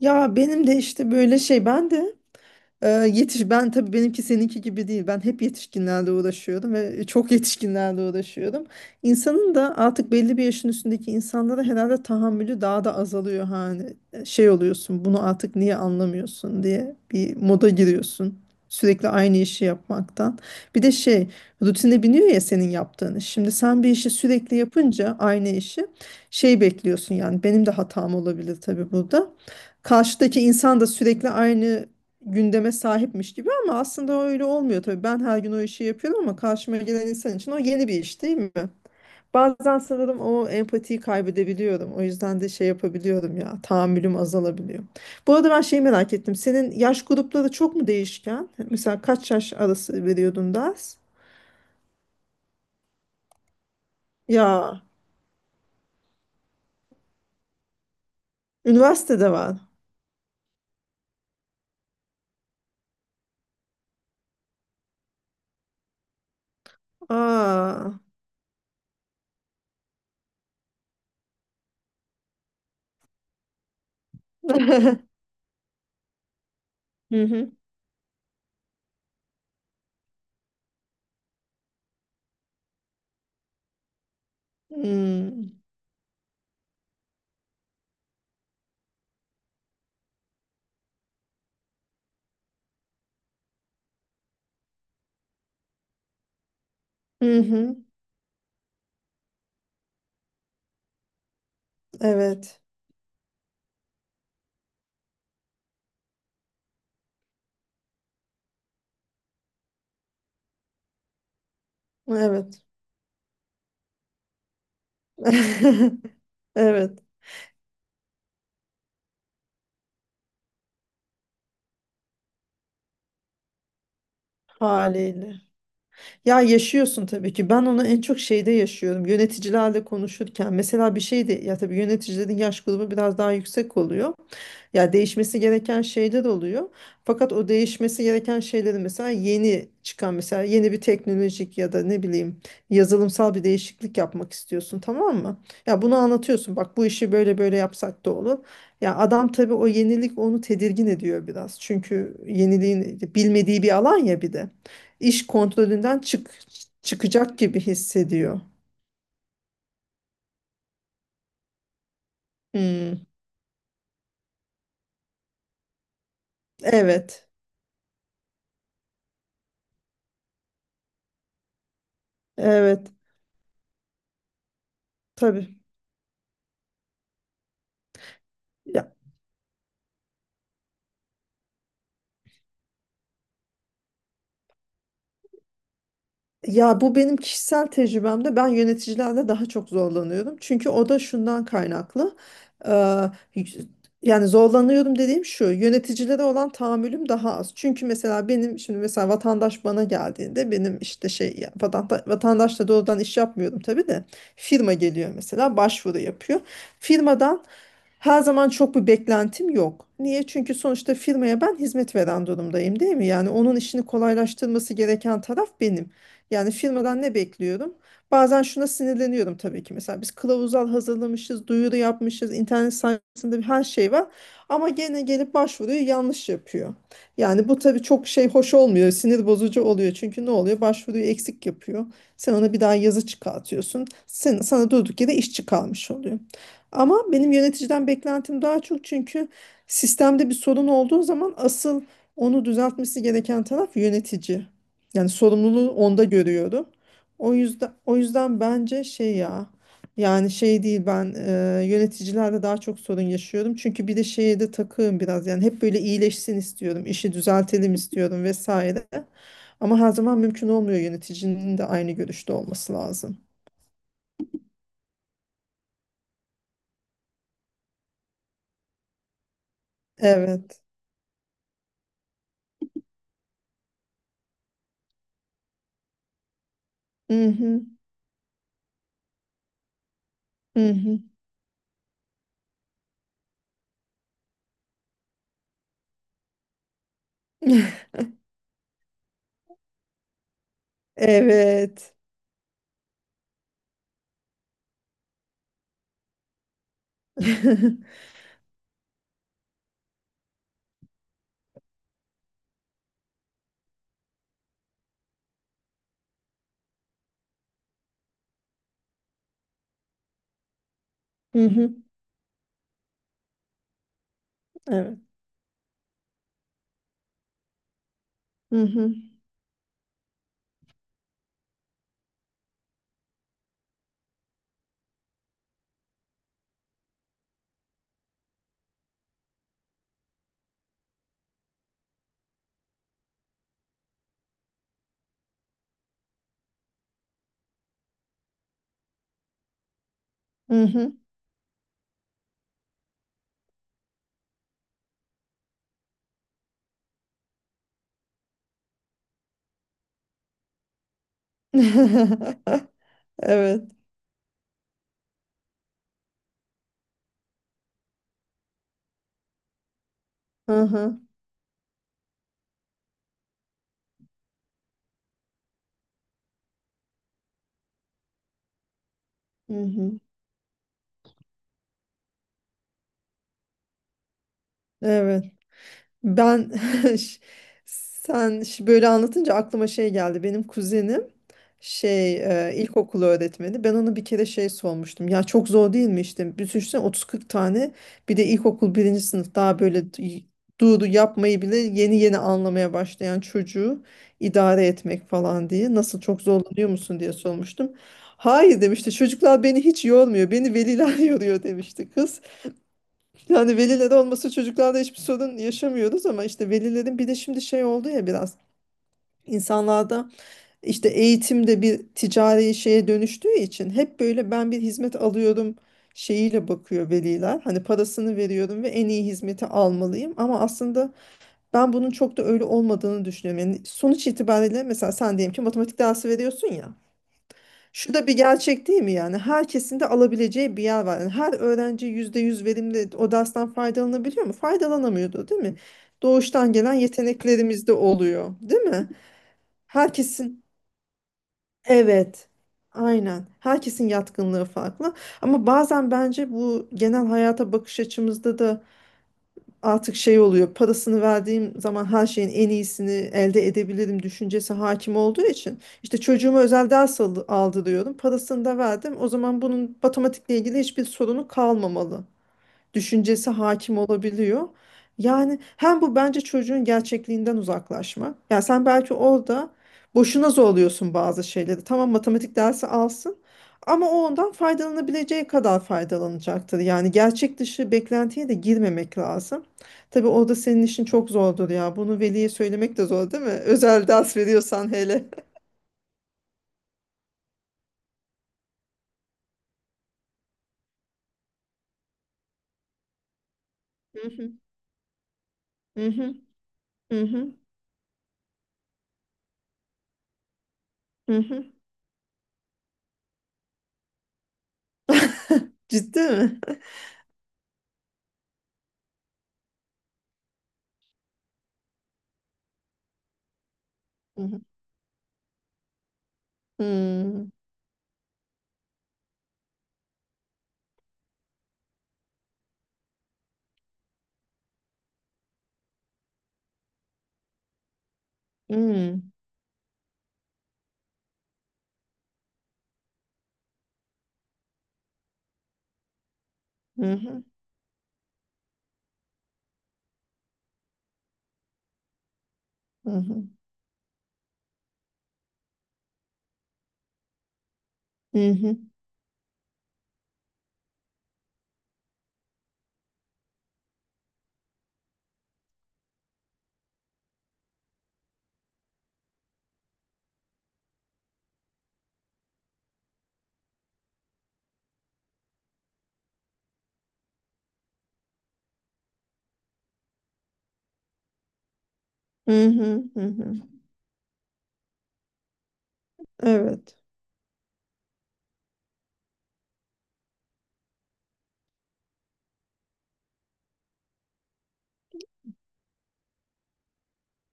Ya benim de işte böyle şey ben de yetiş ben tabii benimki seninki gibi değil. Ben hep yetişkinlerle uğraşıyordum ve çok yetişkinlerle uğraşıyordum. İnsanın da artık belli bir yaşın üstündeki insanlara herhalde tahammülü daha da azalıyor hani. Şey oluyorsun, bunu artık niye anlamıyorsun diye bir moda giriyorsun. Sürekli aynı işi yapmaktan. Bir de şey, Rutine biniyor ya senin yaptığın iş. Şimdi sen bir işi sürekli yapınca aynı işi bekliyorsun yani benim de hatam olabilir tabii burada. Karşıdaki insan da sürekli aynı gündeme sahipmiş gibi ama aslında öyle olmuyor tabii. Ben her gün o işi yapıyorum ama karşıma gelen insan için o yeni bir iş değil mi? Bazen sanırım o empatiyi kaybedebiliyorum. O yüzden de yapabiliyorum ya, tahammülüm azalabiliyor. Bu arada ben şeyi merak ettim. Senin yaş grupları çok mu değişken? Mesela kaç yaş arası veriyordun ders? Ya, üniversitede var. Aa. Hı hı. Hmm. Hı hı. Evet. Evet. Evet. Haliyle. Ya yaşıyorsun tabii ki. Ben onu en çok şeyde yaşıyorum. Yöneticilerle konuşurken mesela bir şey de ya tabii yöneticilerin yaş grubu biraz daha yüksek oluyor. Ya değişmesi gereken şeyler oluyor. Fakat o değişmesi gereken şeyleri mesela yeni bir teknolojik ya da ne bileyim yazılımsal bir değişiklik yapmak istiyorsun, tamam mı? Ya bunu anlatıyorsun. Bak bu işi böyle böyle yapsak da olur. Ya adam tabii o yenilik onu tedirgin ediyor biraz. Çünkü yeniliğin bilmediği bir alan ya bir de iş kontrolünden çıkacak gibi hissediyor. Hmm, evet. Evet. Tabii. Ya Ya, bu benim kişisel tecrübemde ben yöneticilerle daha çok zorlanıyorum. Çünkü o da şundan kaynaklı. Ee, Yani zorlanıyorum dediğim şu, yöneticilere olan tahammülüm daha az. Çünkü mesela vatandaş bana geldiğinde benim vatandaşla doğrudan iş yapmıyorum tabii de firma geliyor mesela, başvuru yapıyor. Firmadan her zaman çok bir beklentim yok. Niye? Çünkü sonuçta firmaya ben hizmet veren durumdayım, değil mi? Yani onun işini kolaylaştırması gereken taraf benim. Yani firmadan ne bekliyorum? Bazen şuna sinirleniyorum tabii ki. Mesela biz kılavuzlar hazırlamışız, duyuru yapmışız, internet sayfasında her şey var. Ama gene gelip başvuruyu yanlış yapıyor. Yani bu tabii çok hoş olmuyor, sinir bozucu oluyor. Çünkü ne oluyor? Başvuruyu eksik yapıyor. Sen ona bir daha yazı çıkartıyorsun. Sana durduk yere iş çıkarmış oluyor. Ama benim yöneticiden beklentim daha çok çünkü sistemde bir sorun olduğu zaman asıl onu düzeltmesi gereken taraf yönetici. Yani sorumluluğu onda görüyorum. O yüzden bence yani şey değil ben yöneticilerde daha çok sorun yaşıyorum. Çünkü bir de şeye de takığım biraz yani hep böyle iyileşsin istiyorum, işi düzeltelim istiyorum vesaire. Ama her zaman mümkün olmuyor, yöneticinin de aynı görüşte olması lazım. Evet. Hı hı. Hı hı. Evet. Hı hı. Evet. Hı hı. Hı hı. Evet. Hı hı. Hı hı. Evet. Ben ş- sen böyle anlatınca aklıma şey geldi. Benim kuzenim şey ilkokulu öğretmeni. Ben ona bir kere şey sormuştum. Ya çok zor değil mi işte? Bir düşünsene 30-40 tane, bir de ilkokul birinci sınıf, daha böyle doğru yapmayı bile yeni yeni anlamaya başlayan çocuğu idare etmek falan diye. Nasıl, çok zorlanıyor musun diye sormuştum. Hayır demişti. Çocuklar beni hiç yormuyor. Beni veliler yoruyor demişti. Yani veliler olması, çocuklarla hiçbir sorun yaşamıyoruz ama işte velilerin bir de şimdi şey oldu ya, biraz insanlarda işte eğitimde bir ticari şeye dönüştüğü için hep böyle ben bir hizmet alıyorum şeyiyle bakıyor veliler. Hani parasını veriyorum ve en iyi hizmeti almalıyım ama aslında ben bunun çok da öyle olmadığını düşünüyorum. Yani sonuç itibariyle mesela sen diyelim ki matematik dersi veriyorsun ya. Şu da bir gerçek değil mi yani? Herkesin de alabileceği bir yer var. Yani her öğrenci %100 verimli o dersten faydalanabiliyor mu? Faydalanamıyordu, değil mi? Doğuştan gelen yeteneklerimiz de oluyor, değil mi? Herkesin evet. Aynen. Herkesin yatkınlığı farklı. Ama bazen bence bu genel hayata bakış açımızda da artık şey oluyor, parasını verdiğim zaman her şeyin en iyisini elde edebilirim düşüncesi hakim olduğu için, işte çocuğuma özel ders aldırıyorum, parasını da verdim, o zaman bunun matematikle ilgili hiçbir sorunu kalmamalı düşüncesi hakim olabiliyor. Yani hem bu bence çocuğun gerçekliğinden uzaklaşma. Yani sen belki orada boşuna zorluyorsun bazı şeyleri. Tamam, matematik dersi alsın ama o ondan faydalanabileceği kadar faydalanacaktır. Yani gerçek dışı beklentiye de girmemek lazım. Tabii orada senin işin çok zordur ya. Bunu veliye söylemek de zor değil mi? Özel ders veriyorsan hele. Mhm, mhm, mhm, mhm. Ciddi mi? Mhm. Hmm, hmm, mhm. Hı hı. Hı hı. Hı hı. Hı hı. Evet.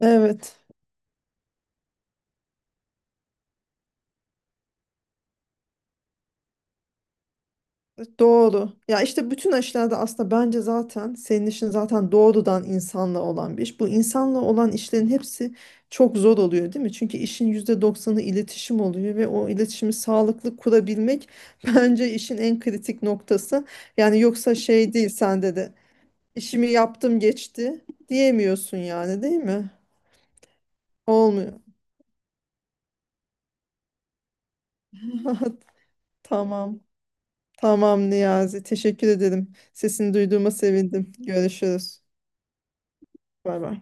Evet. Doğru. Ya işte bütün aşılarda aslında bence zaten senin işin zaten doğrudan insanla olan bir iş. Bu insanla olan işlerin hepsi çok zor oluyor değil mi? Çünkü işin %90 iletişim oluyor ve o iletişimi sağlıklı kurabilmek bence işin en kritik noktası. Yani yoksa şey değil sende de işimi yaptım geçti diyemiyorsun yani, değil mi? Olmuyor. Tamam. Tamam Niyazi. Teşekkür ederim. Sesini duyduğuma sevindim. Görüşürüz. Bay bay.